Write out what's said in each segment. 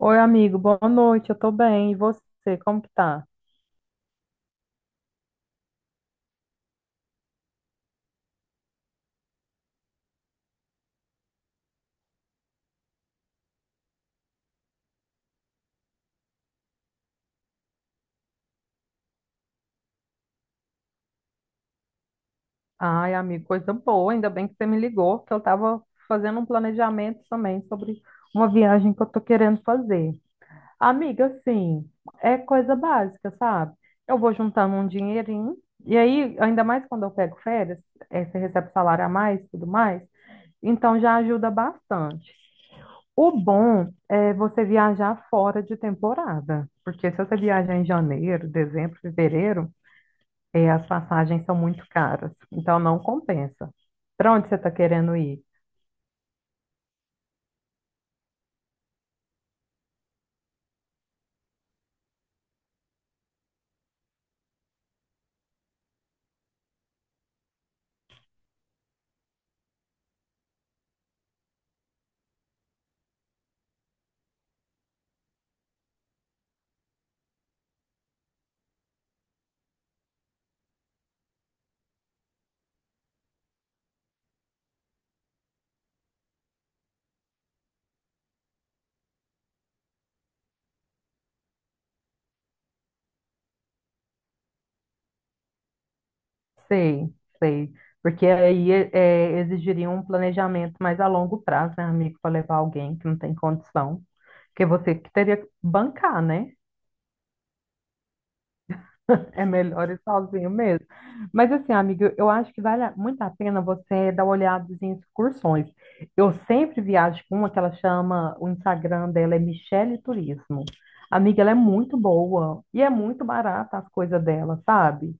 Oi, amigo, boa noite, eu tô bem. E você, como que tá? Ai, amigo, coisa boa, ainda bem que você me ligou, que eu tava fazendo um planejamento também sobre uma viagem que eu tô querendo fazer. Amiga, assim, é coisa básica, sabe? Eu vou juntando um dinheirinho, e aí, ainda mais quando eu pego férias, você recebe salário a mais, tudo mais, então já ajuda bastante. O bom é você viajar fora de temporada, porque se você viajar em janeiro, dezembro, fevereiro, e as passagens são muito caras, então não compensa. Para onde você está querendo ir? Sei, sei. Porque aí é, exigiria um planejamento mais a longo prazo, né, amigo, para levar alguém que não tem condição, porque você que teria que bancar, né? É melhor ir sozinho mesmo. Mas assim, amiga, eu acho que vale muito a pena você dar uma olhada em excursões. Eu sempre viajo com uma que ela chama, o Instagram dela é Michele Turismo. Amiga, ela é muito boa e é muito barata as coisas dela, sabe?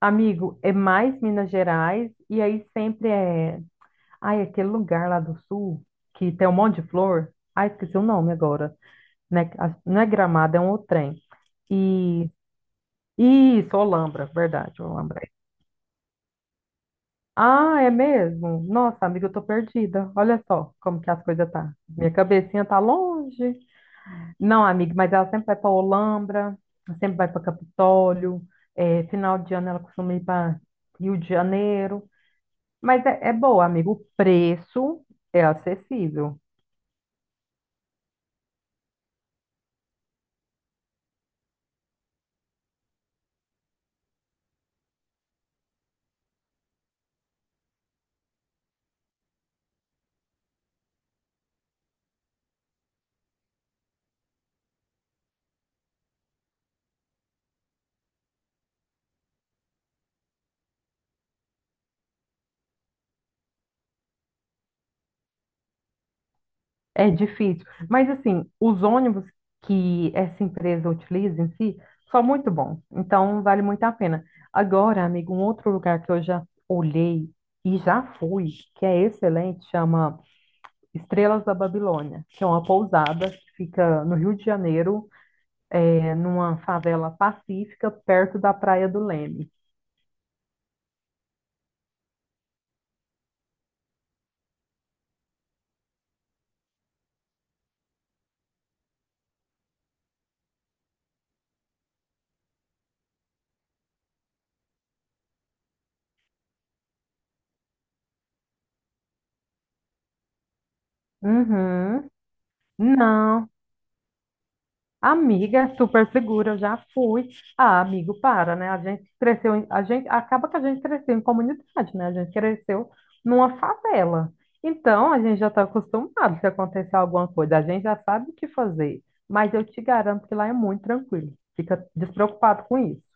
Amigo, é mais Minas Gerais e aí sempre é... Ai, aquele lugar lá do sul que tem um monte de flor. Ai, esqueci o nome agora. Né? Não é Gramado, é um outro trem. E isso, Olambra, verdade, Olambra. Ah, é mesmo? Nossa, amiga, eu tô perdida. Olha só como que as coisas tá. Minha cabecinha tá longe. Não, amiga, mas ela sempre vai para Olambra, sempre vai para Capitólio. É, final de ano ela costuma ir para Rio de Janeiro. Mas é boa, amigo. O preço é acessível. É difícil. Mas, assim, os ônibus que essa empresa utiliza em si são muito bons. Então, vale muito a pena. Agora, amigo, um outro lugar que eu já olhei e já fui, que é excelente, chama Estrelas da Babilônia, que é uma pousada que fica no Rio de Janeiro, é, numa favela pacífica, perto da Praia do Leme. Uhum. Não. Amiga, é super segura, eu já fui. Ah, amigo, para, né? A gente cresceu, a gente acaba que a gente cresceu em comunidade, né? A gente cresceu numa favela. Então, a gente já está acostumado se acontecer alguma coisa, a gente já sabe o que fazer. Mas eu te garanto que lá é muito tranquilo. Fica despreocupado com isso.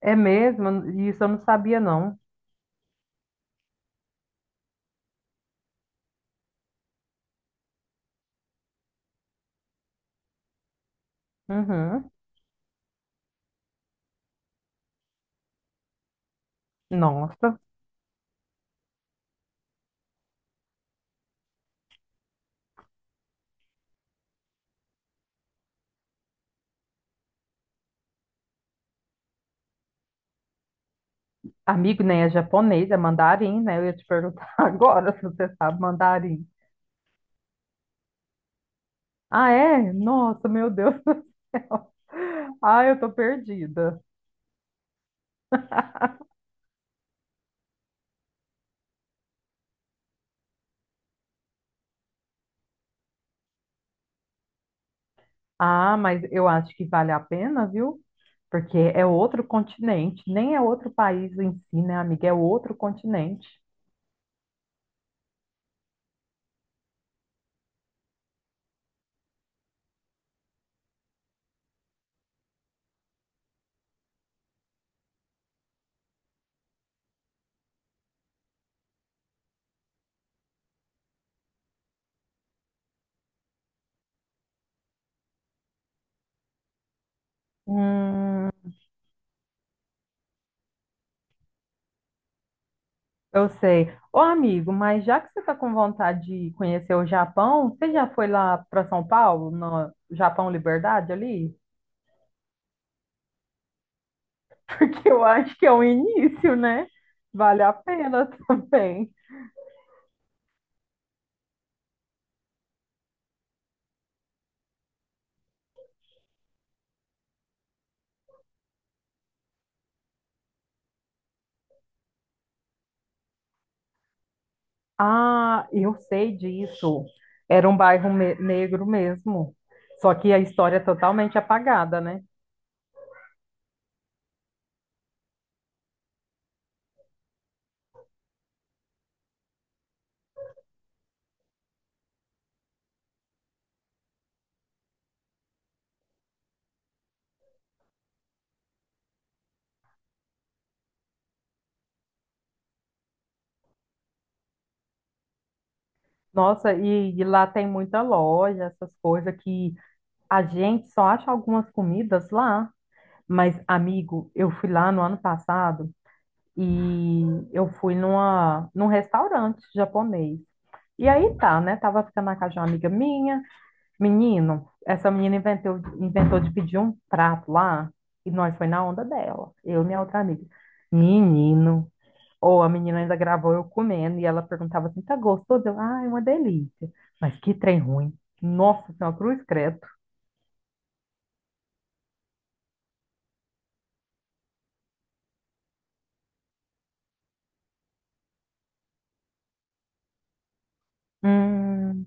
É mesmo? Isso eu não sabia, não. Uhum. Nossa. Amigo, nem é japonês, é mandarim, né? Eu ia te perguntar agora se você sabe mandarim. Ah, é? Nossa, meu Deus do céu. Ah, eu tô perdida. Ah, mas eu acho que vale a pena, viu? Porque é outro continente, nem é outro país em si, né, amiga? É outro continente. Hum, eu sei. Ô, amigo, mas já que você tá com vontade de conhecer o Japão, você já foi lá para São Paulo, no Japão Liberdade ali? Porque eu acho que é o início, né? Vale a pena também. Ah, eu sei disso. Era um bairro negro mesmo. Só que a história é totalmente apagada, né? Nossa, e lá tem muita loja, essas coisas que a gente só acha algumas comidas lá. Mas, amigo, eu fui lá no ano passado e eu fui num restaurante japonês. E aí tá, né? Tava ficando na casa de uma amiga minha. Menino, essa menina inventou de pedir um prato lá e nós foi na onda dela, eu e minha outra amiga. Menino, ou a menina ainda gravou eu comendo e ela perguntava assim: tá gostoso? Eu, ah, é uma delícia. Mas que trem ruim. Nossa Senhora, cruz credo. Hum,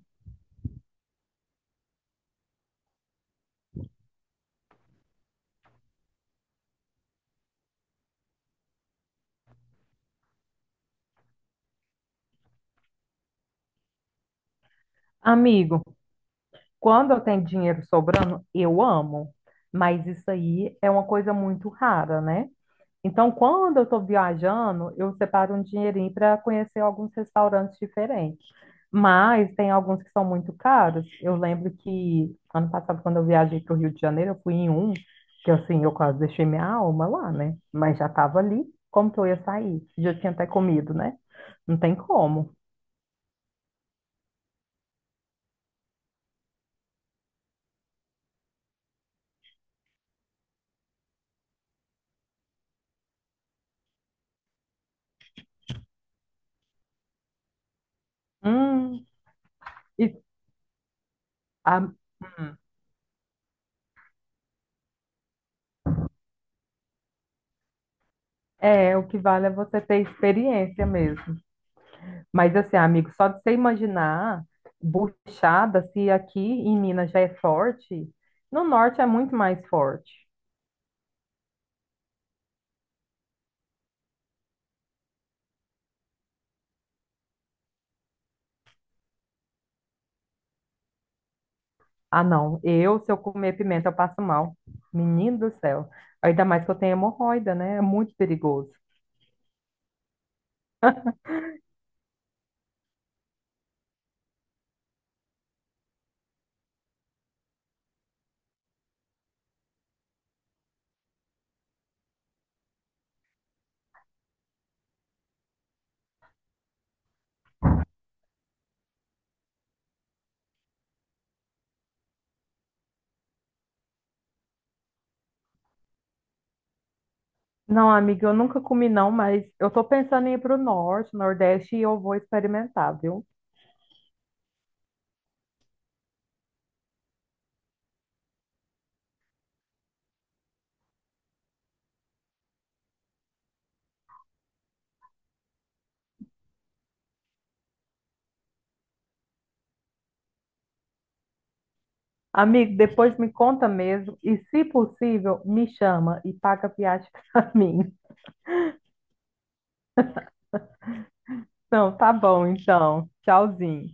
amigo, quando eu tenho dinheiro sobrando, eu amo, mas isso aí é uma coisa muito rara, né? Então, quando eu estou viajando, eu separo um dinheirinho para conhecer alguns restaurantes diferentes. Mas tem alguns que são muito caros. Eu lembro que ano passado, quando eu viajei para o Rio de Janeiro, eu fui em um, que assim, eu quase deixei minha alma lá, né? Mas já estava ali. Como que eu ia sair? Já tinha até comido, né? Não tem como. Hum, e a- hum. É, o que vale é você ter experiência mesmo. Mas assim, amigo, só de você imaginar buchada, se aqui em Minas já é forte, no norte é muito mais forte. Ah, não. Eu, se eu comer pimenta, eu passo mal. Menino do céu. Ainda mais que eu tenho hemorroida, né? É muito perigoso. Não, amiga, eu nunca comi não, mas eu tô pensando em ir pro norte, nordeste e eu vou experimentar, viu? Amigo, depois me conta mesmo e, se possível, me chama e paga a viagem pra mim. Não, tá bom, então. Tchauzinho.